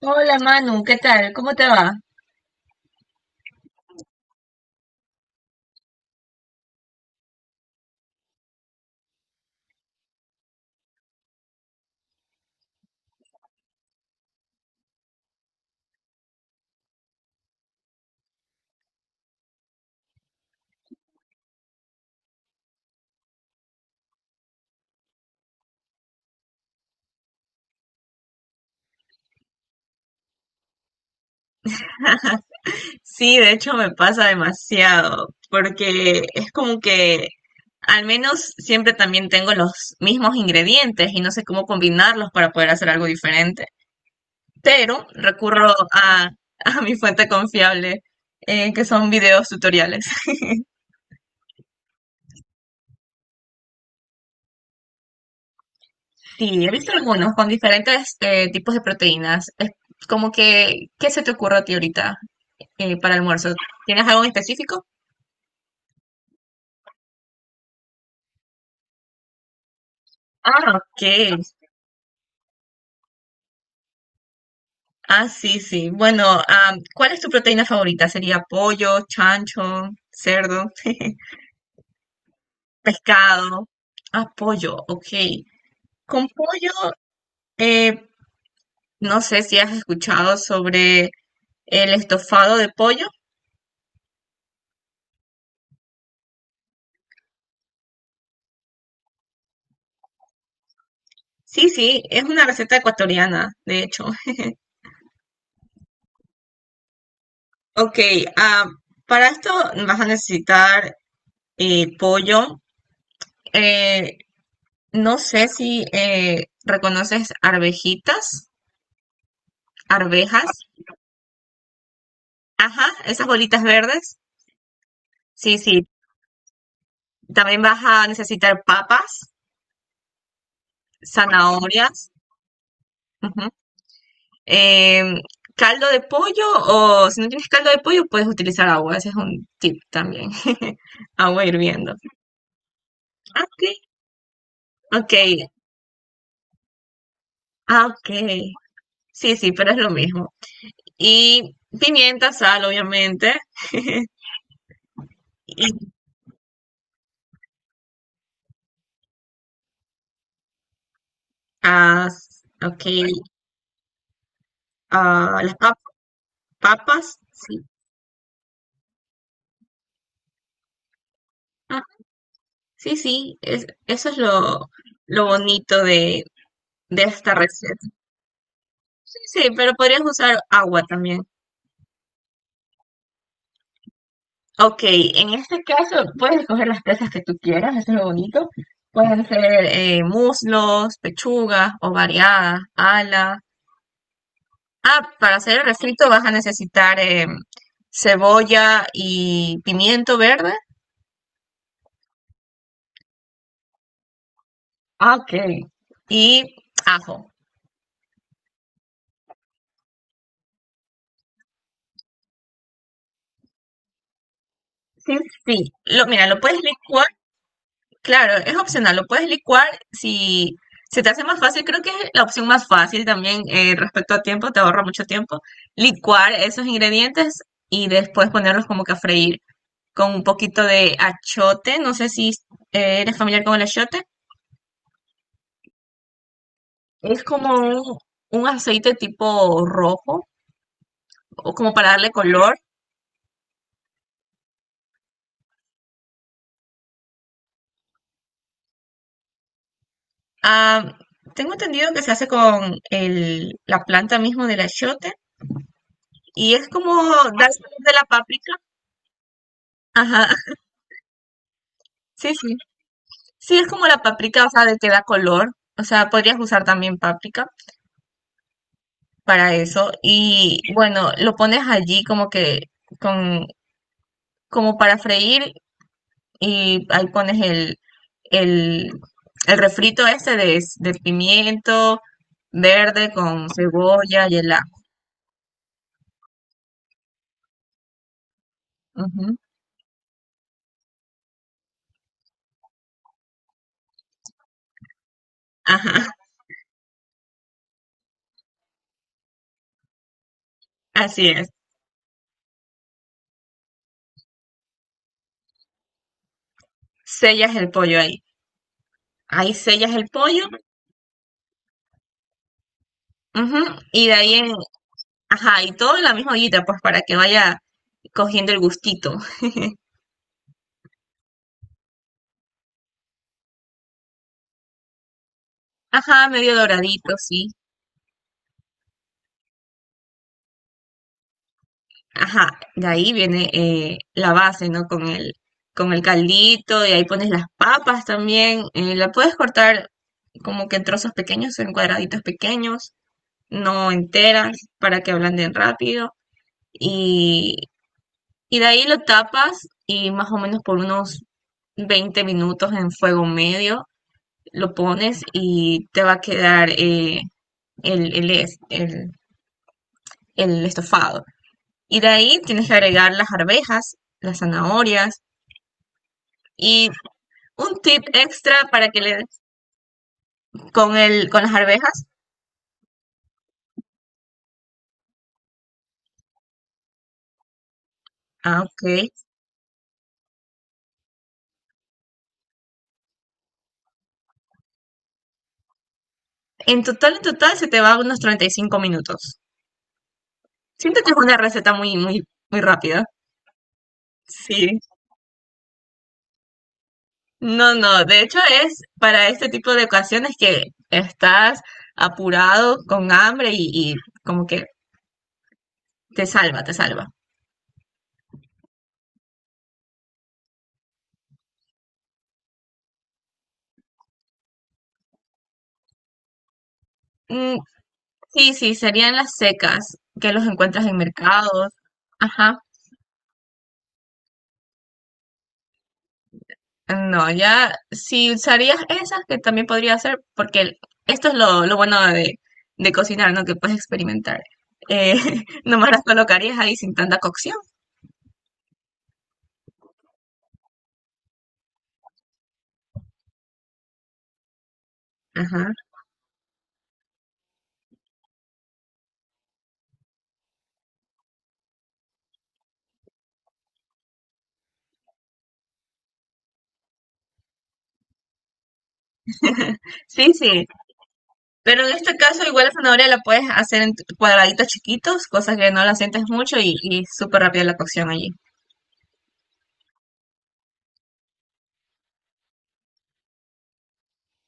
Hola Manu, ¿qué tal? ¿Cómo te va? Sí, de hecho me pasa demasiado, porque es como que al menos siempre también tengo los mismos ingredientes y no sé cómo combinarlos para poder hacer algo diferente. Pero recurro a mi fuente confiable, que son videos tutoriales. Sí, he visto algunos con diferentes tipos de proteínas. Es como que, ¿qué se te ocurre a ti ahorita para almuerzo? ¿Tienes algo en específico? Ah, ok. Ah, sí, sí. Bueno, ¿cuál es tu proteína favorita? ¿Sería pollo, chancho, cerdo, pescado? Ah, pollo, ok. Con pollo, eh, no sé si has escuchado sobre el estofado de pollo. Sí, sí, es una receta ecuatoriana, de hecho. Ok, ah, para esto vas a necesitar pollo. Eh, no sé si reconoces arvejitas, arvejas. Ajá, esas bolitas verdes. Sí, sí. También vas a necesitar papas, zanahorias, ujú, em, caldo de pollo, o si no tienes caldo de pollo puedes utilizar agua. Ese es un tip también. Agua hirviendo. Ok, ok, ah, ok. Sí, sí, pero es lo mismo. Y pimienta, sal, obviamente. Y, ah, ok, ah, las pap- Papas. Sí, ah, sí, sí. Eso es lo bonito de esta receta. Sí, sí, pero podrías usar agua también. Ok, en este caso puedes escoger las presas que tú quieras, eso es lo bonito. Pueden ser muslos, pechugas, variadas, ala. Ah, para hacer el refrito vas a necesitar cebolla y pimiento verde. Ah, ok. Y ajo. Sí, sí. Lo, mira, lo puedes licuar. Claro, es opcional, lo puedes licuar si se te hace más fácil, creo que es la opción más fácil también, respecto a tiempo, te ahorra mucho tiempo, licuar esos ingredientes y después ponerlos como que a freír con un poquito de achiote. No sé si eres familiar con el achiote, es como un aceite tipo rojo o como para darle color. Ah, tengo entendido que se hace con el, la planta mismo del achiote y es como dar color de la páprica. Ajá, sí, sí. Sí, es como la paprika, o sea, de que da color. O sea, podrías usar también paprika para eso. Y bueno, lo pones allí como que con, como para freír, y ahí pones el, el refrito este de pimiento verde con cebolla y el ajo. Ujú. Ajá, así es. Sellas el pollo ahí. Ahí sellas el pollo. Ujú. Y de ahí en, ajá, y todo en la misma ollita, pues para que vaya cogiendo el gustito. Ajá, medio doradito, sí. Ajá, de ahí viene la base, ¿no? Con el caldito, y ahí pones las papas también. La puedes cortar como que en trozos pequeños, en cuadraditos pequeños, no enteras, para que ablanden rápido. Y, y de ahí lo tapas y más o menos por unos 20 minutos en fuego medio lo pones y te va a quedar el, es- el estofado. Y de ahí tienes que agregar las arvejas, las zanahorias, y un tip extra para que le con el con las arvejas. Ah, ok. En total se te va unos 35 minutos. Siento que es una receta muy, muy, muy rápida. Sí. No, no, de hecho es para este tipo de ocasiones que estás apurado, con hambre y como que te salva, te salva. Mm, sí, sí, serían las secas que los encuentras en mercados. Ajá. No, ya si usarías esas, que también podría ser, porque esto es lo bueno de cocinar, ¿no? Que puedes experimentar. Eh, nomás las colocarías ahí sin tanta cocción. Ajá. Sí, sí. Pero en este caso, igual la zanahoria la puedes hacer en cuadraditos chiquitos, cosas que no la sientes mucho y súper rápida la cocción allí.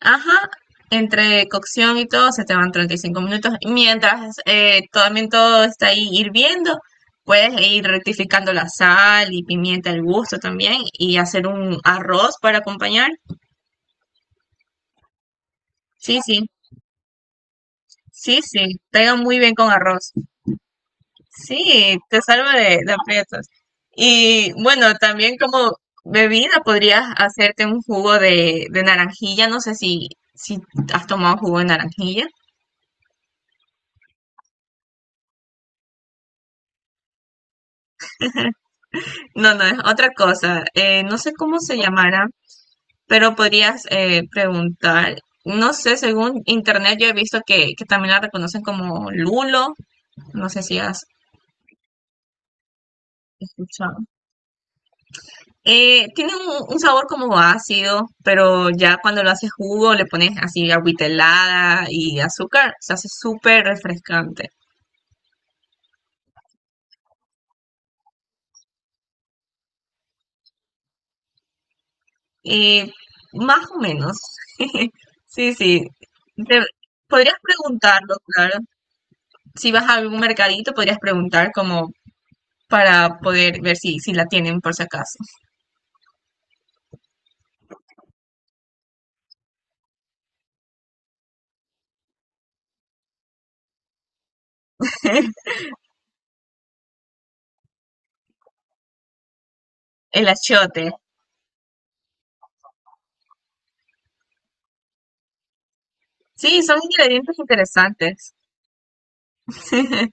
Ajá, entre cocción y todo se te van 35 minutos. Mientras también todo está ahí hirviendo, puedes ir rectificando la sal y pimienta al gusto también y hacer un arroz para acompañar. Sí, sí, sí, sí, pega muy bien con arroz. Sí, te salva de aprietos. Y bueno, también como bebida podrías hacerte un jugo de naranjilla. No sé si, si has tomado jugo de naranjilla. No, no, es otra cosa. No sé cómo se llamará, pero podrías preguntar. No sé, según internet yo he visto que también la reconocen como lulo. No sé si has escuchado. Tiene un sabor como ácido, pero ya cuando lo haces jugo le pones así agüita helada y azúcar. Se hace súper refrescante. Eh, más o menos. Sí, sí. Te- podrías preguntarlo, claro. Si vas a algún mercadito, podrías preguntar como para poder ver si, si la tienen por si acaso. El achiote. Sí, son ingredientes interesantes.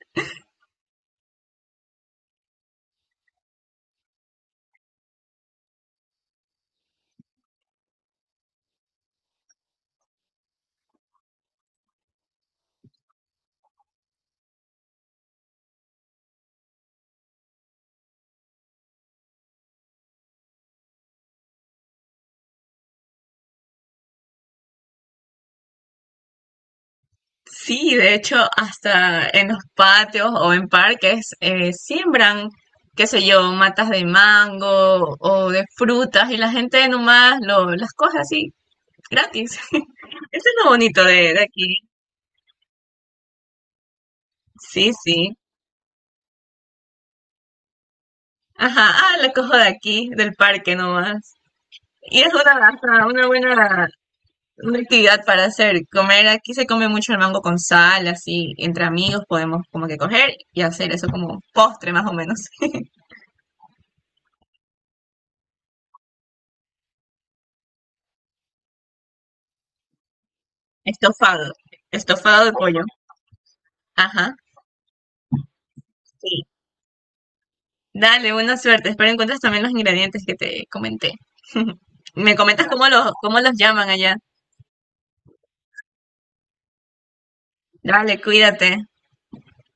Sí, de hecho, hasta en los patios o en parques siembran, qué sé yo, matas de mango o de frutas y la gente nomás lo, las coge así gratis. Eso es lo bonito de aquí. Sí, sí. Ajá, ah, la cojo de aquí, del parque nomás. Y es una, hasta una buena una actividad para hacer, comer, aquí se come mucho el mango con sal, así, entre amigos podemos como que coger y hacer eso como postre más o menos. Estofado, estofado de pollo. Ajá, sí. Dale, buena suerte. Espero encuentres también los ingredientes que te comenté. Me comentas cómo los llaman allá. Dale, cuídate.